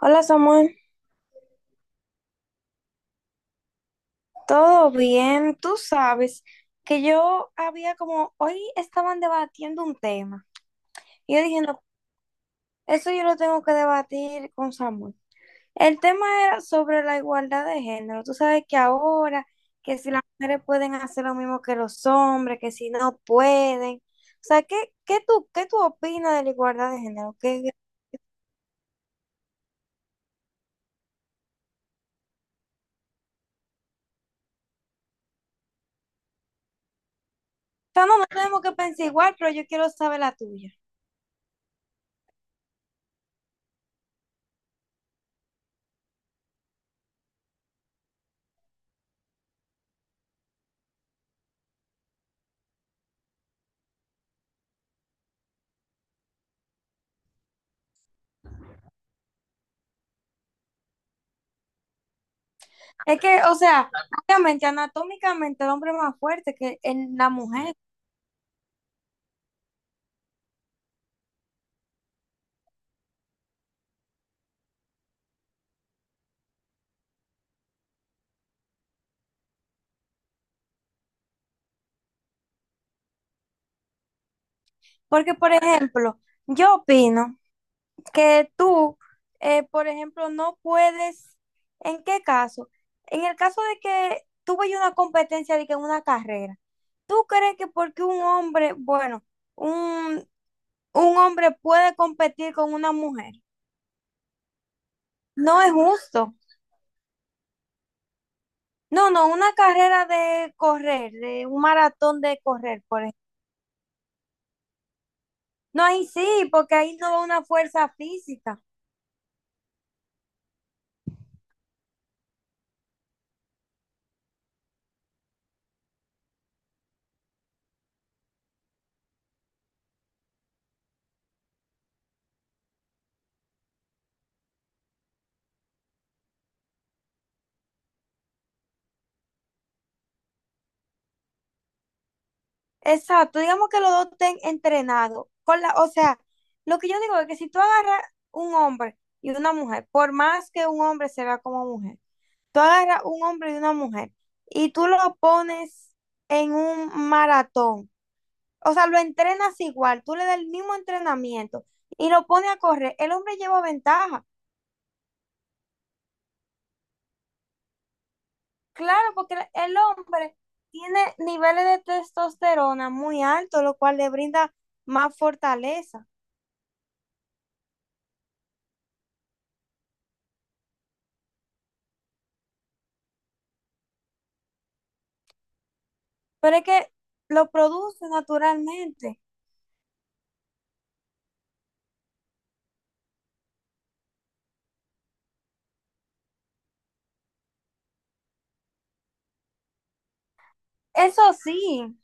Hola Samuel, ¿todo bien? Tú sabes que yo había como, hoy estaban debatiendo un tema. Y yo dije, no, eso yo lo tengo que debatir con Samuel. El tema era sobre la igualdad de género. Tú sabes que ahora, que si las mujeres pueden hacer lo mismo que los hombres, que si no pueden. O sea, ¿qué, qué tú opinas de la igualdad de género? ¿Qué Chama, no tenemos que pensar igual, pero yo quiero saber la tuya. Es que, o sea, obviamente, anatómicamente el hombre es más fuerte que la mujer. Porque, por ejemplo, yo opino. Que tú, por ejemplo, no puedes, ¿en qué caso? En el caso de que tú vayas a una competencia de que en una carrera, ¿tú crees que porque un hombre, bueno, un, un hombre puede competir con una mujer? No es justo. No, no, una carrera de correr, de un maratón de correr, por ejemplo. No, ahí sí, porque ahí no va una fuerza física. Exacto, digamos que los dos estén entrenados. Con la, o sea, lo que yo digo es que si tú agarras un hombre y una mujer, por más que un hombre se vea como mujer, tú agarras un hombre y una mujer y tú lo pones en un maratón, o sea, lo entrenas igual, tú le das el mismo entrenamiento y lo pones a correr, el hombre lleva ventaja. Claro, porque el hombre tiene niveles de testosterona muy altos, lo cual le brinda más fortaleza. Pero es que lo produce naturalmente. Eso sí.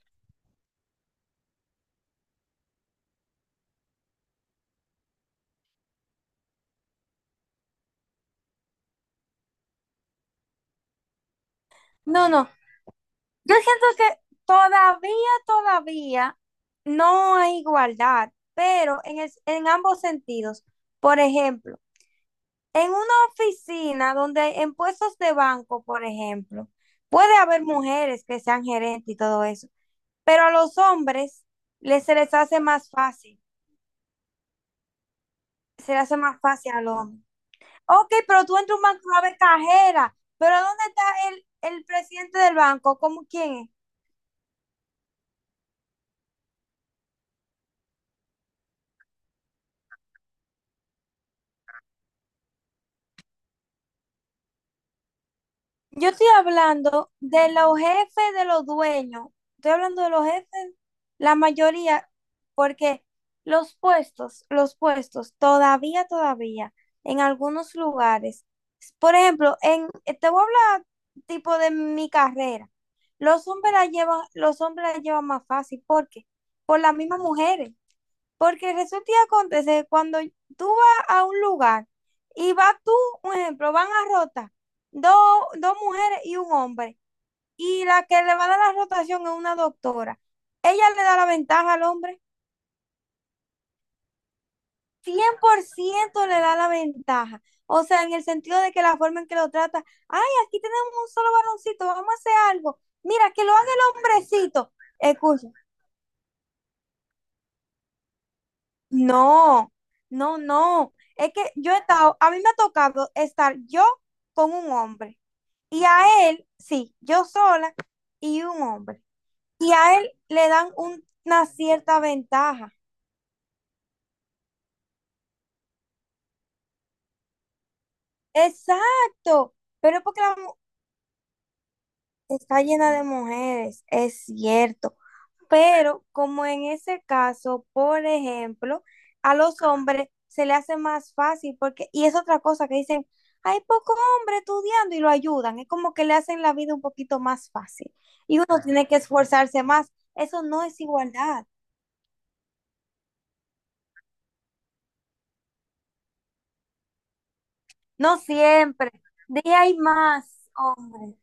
No, no. Yo siento que todavía no hay igualdad, pero en en ambos sentidos. Por ejemplo, en una oficina donde en puestos de banco, por ejemplo, puede haber mujeres que sean gerentes y todo eso, pero a los hombres se les hace más fácil. Se les hace más fácil al hombre. Ok, pero tú entras a un banco a ver cajera, pero ¿dónde está el, el presidente del banco? ¿Cómo quién es? Yo estoy hablando de los jefes de los dueños, estoy hablando de los jefes, la mayoría, porque los puestos, todavía, todavía, en algunos lugares, por ejemplo, en, te voy a hablar tipo de mi carrera, los hombres la llevan más fácil, ¿por qué? Por las mismas mujeres. Porque resulta y acontece, cuando tú vas a un lugar y vas tú, un ejemplo, van a rotar dos, dos mujeres y un hombre, y la que le va a dar la rotación es una doctora, ella le da la ventaja al hombre, 100% le da la ventaja. O sea, en el sentido de que la forma en que lo trata, ay, aquí tenemos un solo varoncito, vamos a hacer algo. Mira, que lo haga el hombrecito. Escucha, No, no, no. Es que yo he estado, a mí me ha tocado estar yo con un hombre y a él, sí, yo sola y un hombre. Y a él le dan una cierta ventaja. Exacto. Pero es porque está llena de mujeres, es cierto. Pero como en ese caso, por ejemplo, a los hombres se le hace más fácil porque, y es otra cosa que dicen, hay poco hombre estudiando y lo ayudan, es como que le hacen la vida un poquito más fácil y uno tiene que esforzarse más. Eso no es igualdad, no siempre. De ahí hay más hombres.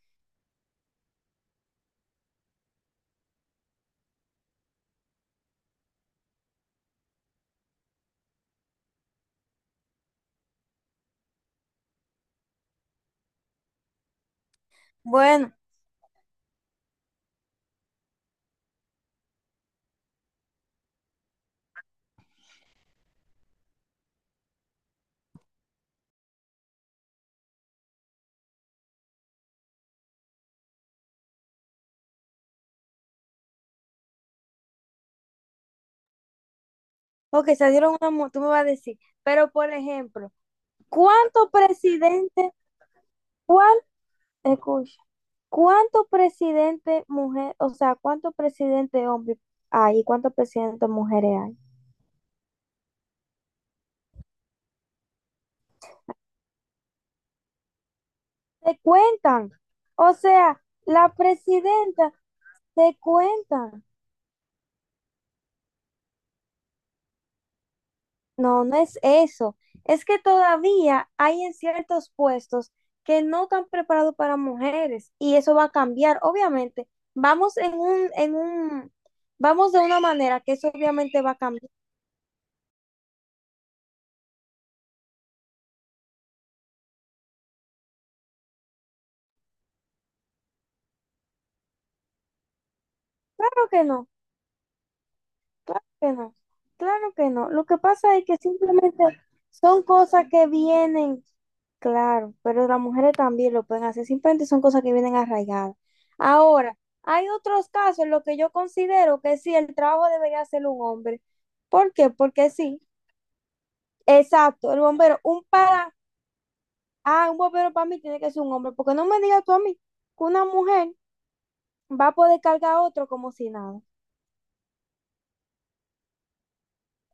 Bueno, porque se dieron una, tú me vas a decir, pero por ejemplo, ¿cuántos presidentes? Escucha, ¿cuántos presidentes mujer, o sea, cuántos presidentes hombres hay y cuántos presidentes mujeres hay? Te cuentan. O sea, la presidenta te cuentan. No, no es eso. Es que todavía hay en ciertos puestos que no están preparados para mujeres y eso va a cambiar, obviamente. Vamos en vamos de una manera que eso obviamente va a cambiar. Claro que no. Claro que no, claro que no. Lo que pasa es que simplemente son cosas que vienen, claro, pero las mujeres también lo pueden hacer, simplemente son cosas que vienen arraigadas. Ahora, hay otros casos en los que yo considero que sí, el trabajo debería hacerlo un hombre. ¿Por qué? Porque sí, exacto, el bombero, ah, un bombero para mí tiene que ser un hombre, porque no me digas tú a mí que una mujer va a poder cargar a otro como si nada.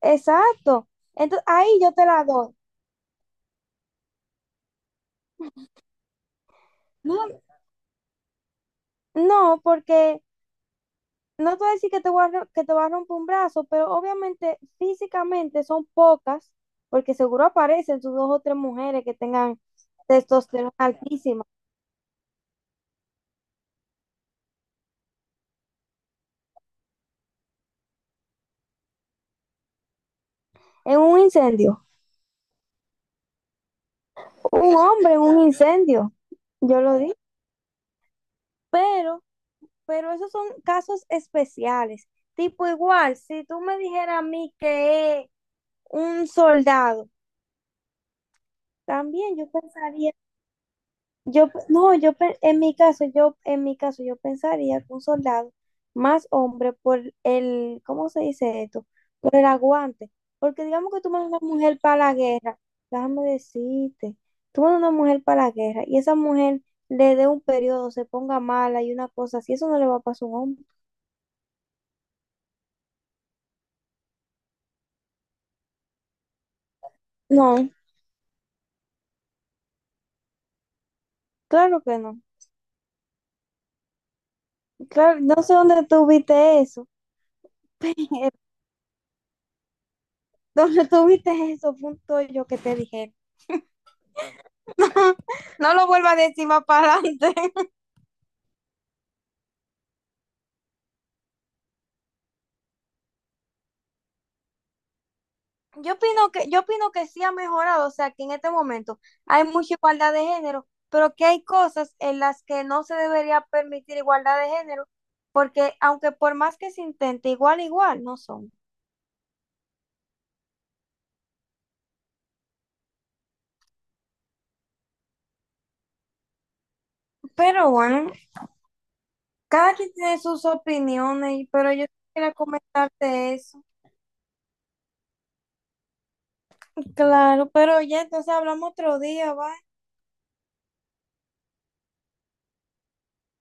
Exacto. Entonces, ahí yo te la doy. No, No, porque no te voy a decir que te voy a ro- que te va a romper un brazo, pero obviamente físicamente son pocas, porque seguro aparecen sus dos o tres mujeres que tengan testosterona altísima en un incendio. Un hombre en un incendio, yo lo digo. Pero, pero esos son casos especiales. Tipo igual, si tú me dijeras a mí que es un soldado, también yo pensaría. Yo, pe- no, yo pe- en mi caso, en mi caso, yo pensaría que un soldado más hombre por el, ¿cómo se dice esto? Por el aguante. Porque digamos que tú mandas una mujer para la guerra, déjame decirte, tú mandas una mujer para la guerra y esa mujer le dé un periodo, se ponga mala y una cosa así, eso no le va a pasar a un hombre. No, claro que no. Claro, no sé dónde tú viste eso. ¿Dónde tú viste eso? Punto yo que te dije. No lo vuelvas a decir más para adelante. Yo opino que sí ha mejorado, o sea, que en este momento hay mucha igualdad de género, pero que hay cosas en las que no se debería permitir igualdad de género, porque aunque por más que se intente, igual, igual, no son. Pero bueno, cada quien tiene sus opiniones, pero yo quería comentarte eso. Claro, pero ya entonces hablamos otro día, ¿va?